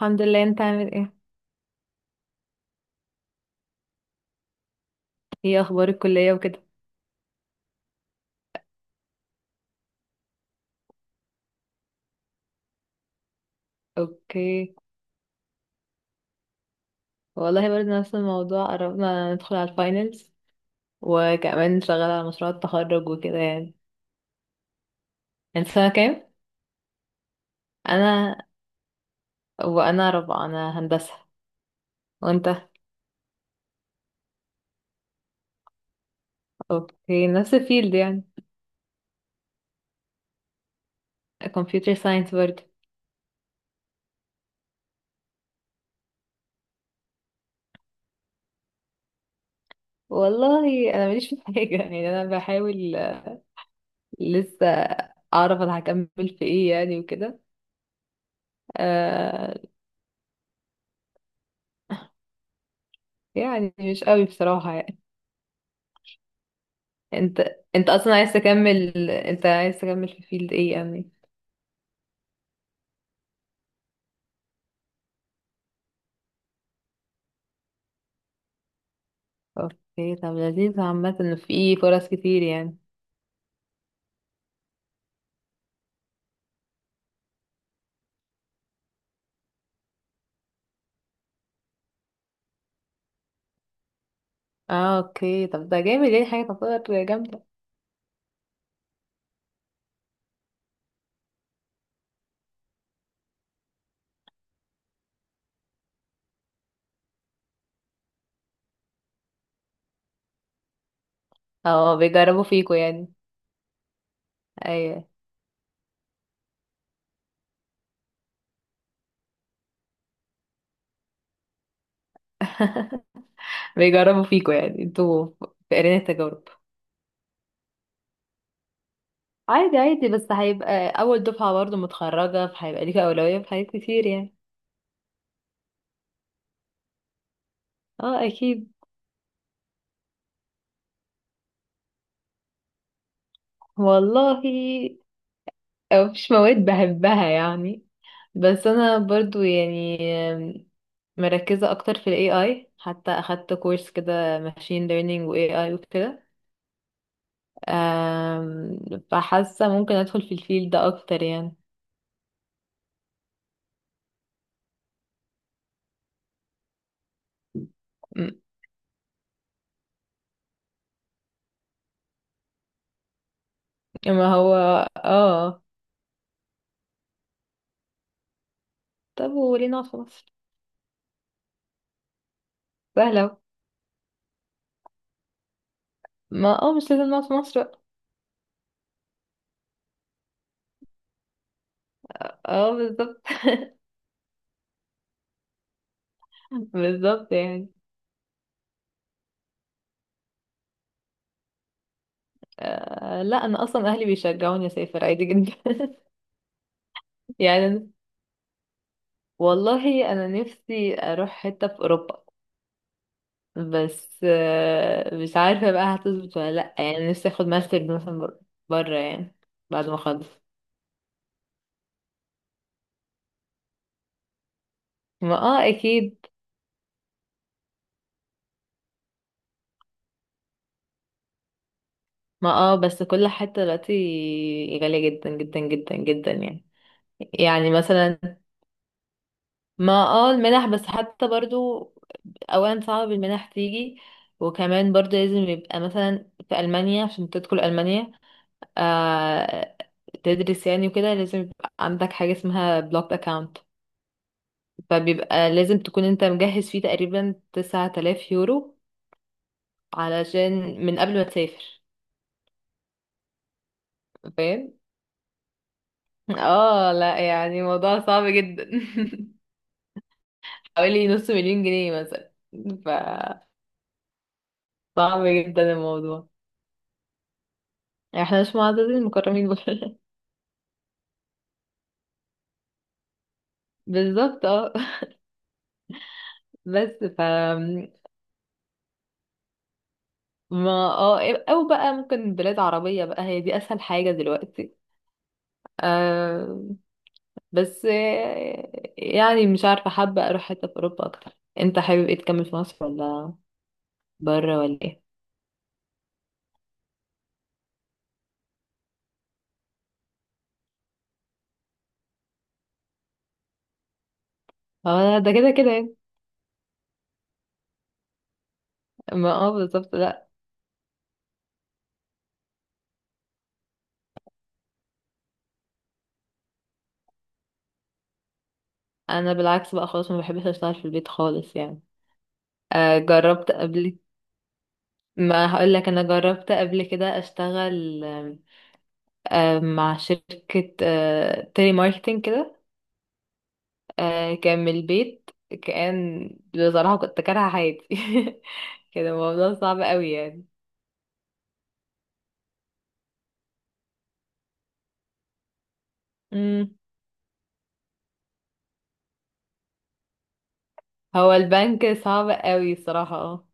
الحمد لله. انت عامل ايه؟ ايه اخبار الكلية وكده. اوكي. والله برضه نفس الموضوع، قربنا ندخل على الفاينلز، وكمان شغالة على مشروع التخرج وكده يعني. انت سنة كام؟ انا وانا رابعة، انا هندسة. وانت؟ اوكي، نفس الفيلد يعني. كمبيوتر ساينس برضه. والله انا ماليش في حاجة يعني انا بحاول، لسه اعرف انا هكمل في ايه يعني وكده. آه، يعني مش قوي بصراحة. انت اصلا عايز تكمل، عايز تكمل في فيلد ايه يعني؟ اوكي، طب لذيذ عامة انه في فرص كتير يعني. اه اوكي، طب ده جامد يعني، حاجة تعتبر جامدة. اه بيجربوا فيكوا يعني. ايوه. بيجربوا فيكوا يعني انتوا، في قرينا التجارب. عادي عادي، بس هيبقى اول دفعة برضو متخرجة، فهيبقى ليك اولوية في حاجات كتير يعني. اه اكيد. والله مفيش مواد بحبها يعني، بس انا برضو يعني مركزة أكتر في ال AI، حتى أخدت كورس كده ماشين ليرنينج و AI وكده. أم، فحاسة ممكن أدخل في الفيلد ده أكتر يعني. م- ما هو اه، طب وليه نقعد في مصر؟ سهلة. ما اه، مش لازم نقعد في مصر بقى. اه بالظبط. بالظبط يعني. آه لا، انا اصلا اهلي بيشجعوني اسافر عادي جدا يعني أنا- والله انا نفسي اروح حتة في اوروبا، بس آه، مش عارفة بقى هتظبط ولا لأ، يعني نفسي اخد ماستر مثلا برا يعني، بعد ما اخلص. ما اه اكيد. ما اه بس كل حتة دلوقتي غالية جدا جدا جدا جدا يعني. يعني مثلا، ما اه المنح بس حتى برضو، اولا صعب المنح تيجي، وكمان برضو لازم يبقى مثلا في ألمانيا، عشان تدخل ألمانيا آه تدرس يعني وكده لازم يبقى عندك حاجة اسمها بلوك account، فبيبقى لازم تكون انت مجهز فيه تقريبا 9000 يورو، علشان، من قبل ما تسافر. فاهم. اه لا يعني موضوع صعب جدا. حوالي نص مليون جنيه مثلا. ف صعب جدا الموضوع. احنا مش معددين المكرمين بره. بالظبط اه. بس ف ما اه او بقى ممكن بلاد عربية بقى، هي دي اسهل حاجة دلوقتي. آه، بس آه، يعني مش عارفة، حابة أروح حتة في أوروبا أكتر. أنت حابب إيه، تكمل في مصر ولا بره ولا إيه؟ هو ده كده كده يعني. ما اه بالظبط، لأ. أنا بالعكس بقى خالص، ما بحبش أشتغل في البيت خالص يعني. آه جربت قبل. ما هقول لك، أنا جربت قبل كده أشتغل، آم، آم، مع شركة تيلي ماركتينج كده. آه كان من البيت. كان، بصراحة كنت كارهة حياتي كده الموضوع صعب قوي يعني. هو البنك صعب قوي صراحة، اه.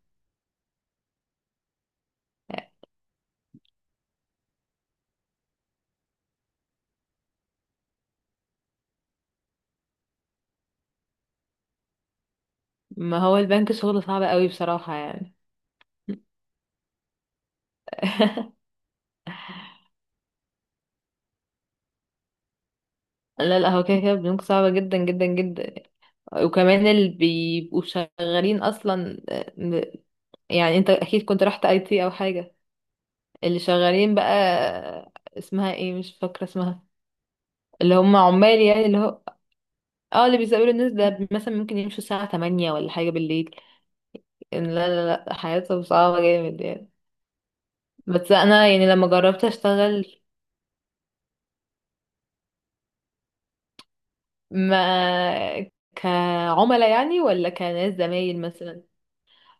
ما هو البنك شغله صعب قوي بصراحة يعني. لا لا، هو كده كده البنوك صعبة جدا جدا جدا، وكمان اللي بيبقوا شغالين اصلا آه، يعني انت اكيد كنت رحت اي تي او حاجة. اللي شغالين بقى آه، اسمها ايه، مش فاكرة اسمها. اللي هم عمال يعني، اللي هو اه اللي بيسألوا الناس ده، مثلا ممكن يمشوا الساعة 8 ولا حاجة بالليل. إن لا لا لا، حياتهم صعبة جامد يعني. بس انا يعني لما جربت اشتغل. ما كعملاء يعني ولا كناس زمايل مثلا.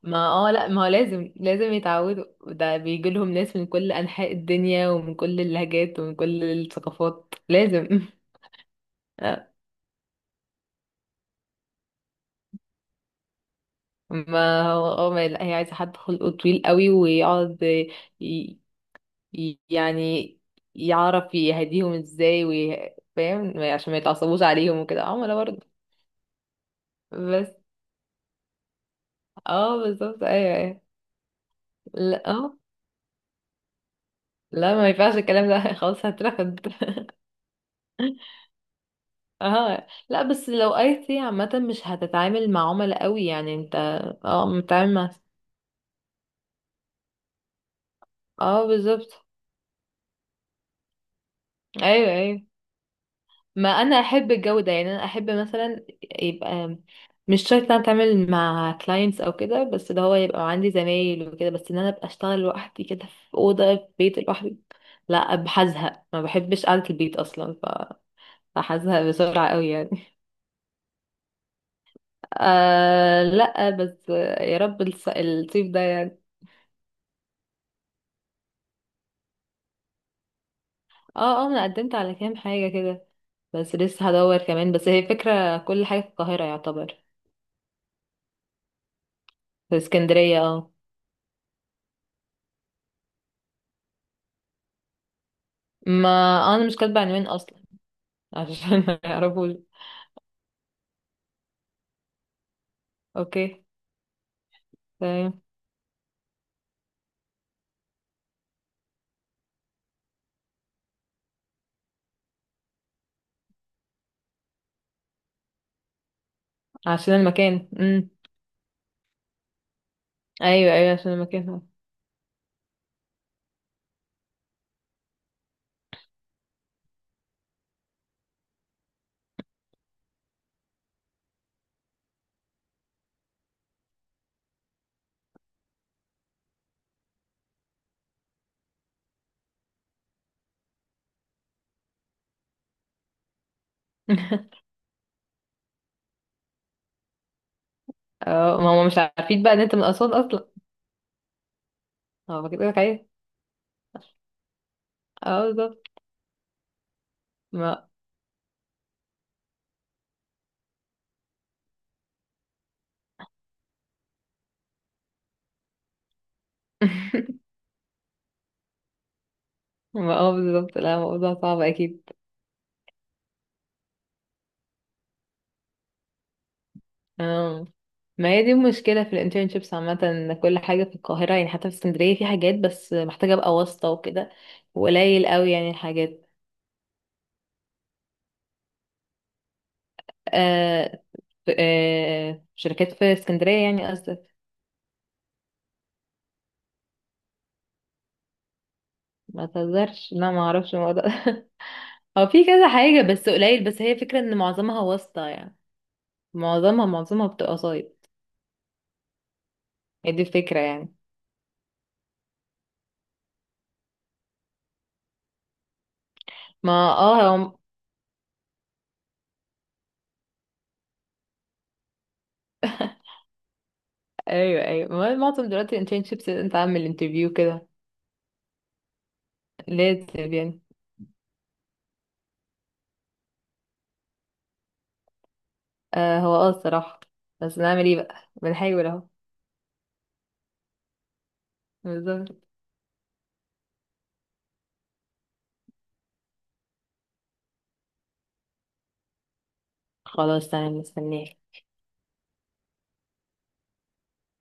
ما اه لا، ما هو لازم لازم يتعودوا، ده بيجي لهم ناس من كل انحاء الدنيا ومن كل اللهجات ومن كل الثقافات، لازم آه، ما هو اه ما لا، هي عايزه حد خلقه طويل قوي ويقعد ي... يعني يعرف يهديهم ازاي، فاهم، عشان ما يتعصبوش عليهم وكده، عملاء برضه. بس اه بالظبط، ايوه ايوه. لا آه. لا ما ينفعش الكلام ده خلاص هترفض. اه لا، بس لو اي تي عامة مش هتتعامل مع عملاء قوي يعني انت. اه متعامل مع. اه بالظبط، ايوه ايوه. ما انا احب الجو ده يعني، انا احب مثلا يبقى مش شرط انا اتعامل مع كلاينتس او كده، بس ده هو يبقى عندي زمايل وكده، بس ان انا ابقى اشتغل لوحدي كده في اوضه في بيت لوحدي لا، هزهق، ما بحبش قعده البيت اصلا. فهزهق بسرعه قوي يعني. آه لا بس، يا رب الصيف ده يعني. اه اه انا قدمت على كام حاجة كده، بس لسه هدور كمان، بس هي فكرة كل حاجة في القاهرة يعتبر. في اسكندرية اه. ما آه، انا مش كاتبة عنوان اصلا، عشان ما يعرفوش. اوكي. تمام. عشان المكان. ايوه ايوه، عشان المكان. اه ما هم مش عارفين بقى ان انت من اسوان اصلا. هو كده لك ايه. اه بالظبط. ما ما اه بالظبط، لا موضوع صعب اكيد. اه ما هي دي المشكلة في الانترنشيبس عامة، ان كل حاجة في القاهرة يعني، حتى في اسكندرية في حاجات بس محتاجة ابقى واسطة وكده. وقليل قوي يعني الحاجات، آه آه شركات في اسكندرية يعني قصدك؟ ما تهزرش، لا ما اعرفش الموضوع ده هو في كذا حاجة، بس قليل، بس هي فكرة ان معظمها واسطة يعني. معظمها بتبقى سايط. هي دي الفكرة يعني. ما اه هم... ايوه ايوه، ما هو معظم دلوقتي الانترنشيبس انت عامل انترفيو كده، لازم يعني. آه هو اه الصراحة، بس نعمل ايه بقى، بنحاول اهو. بالظبط. خلاص تمام مستنيه.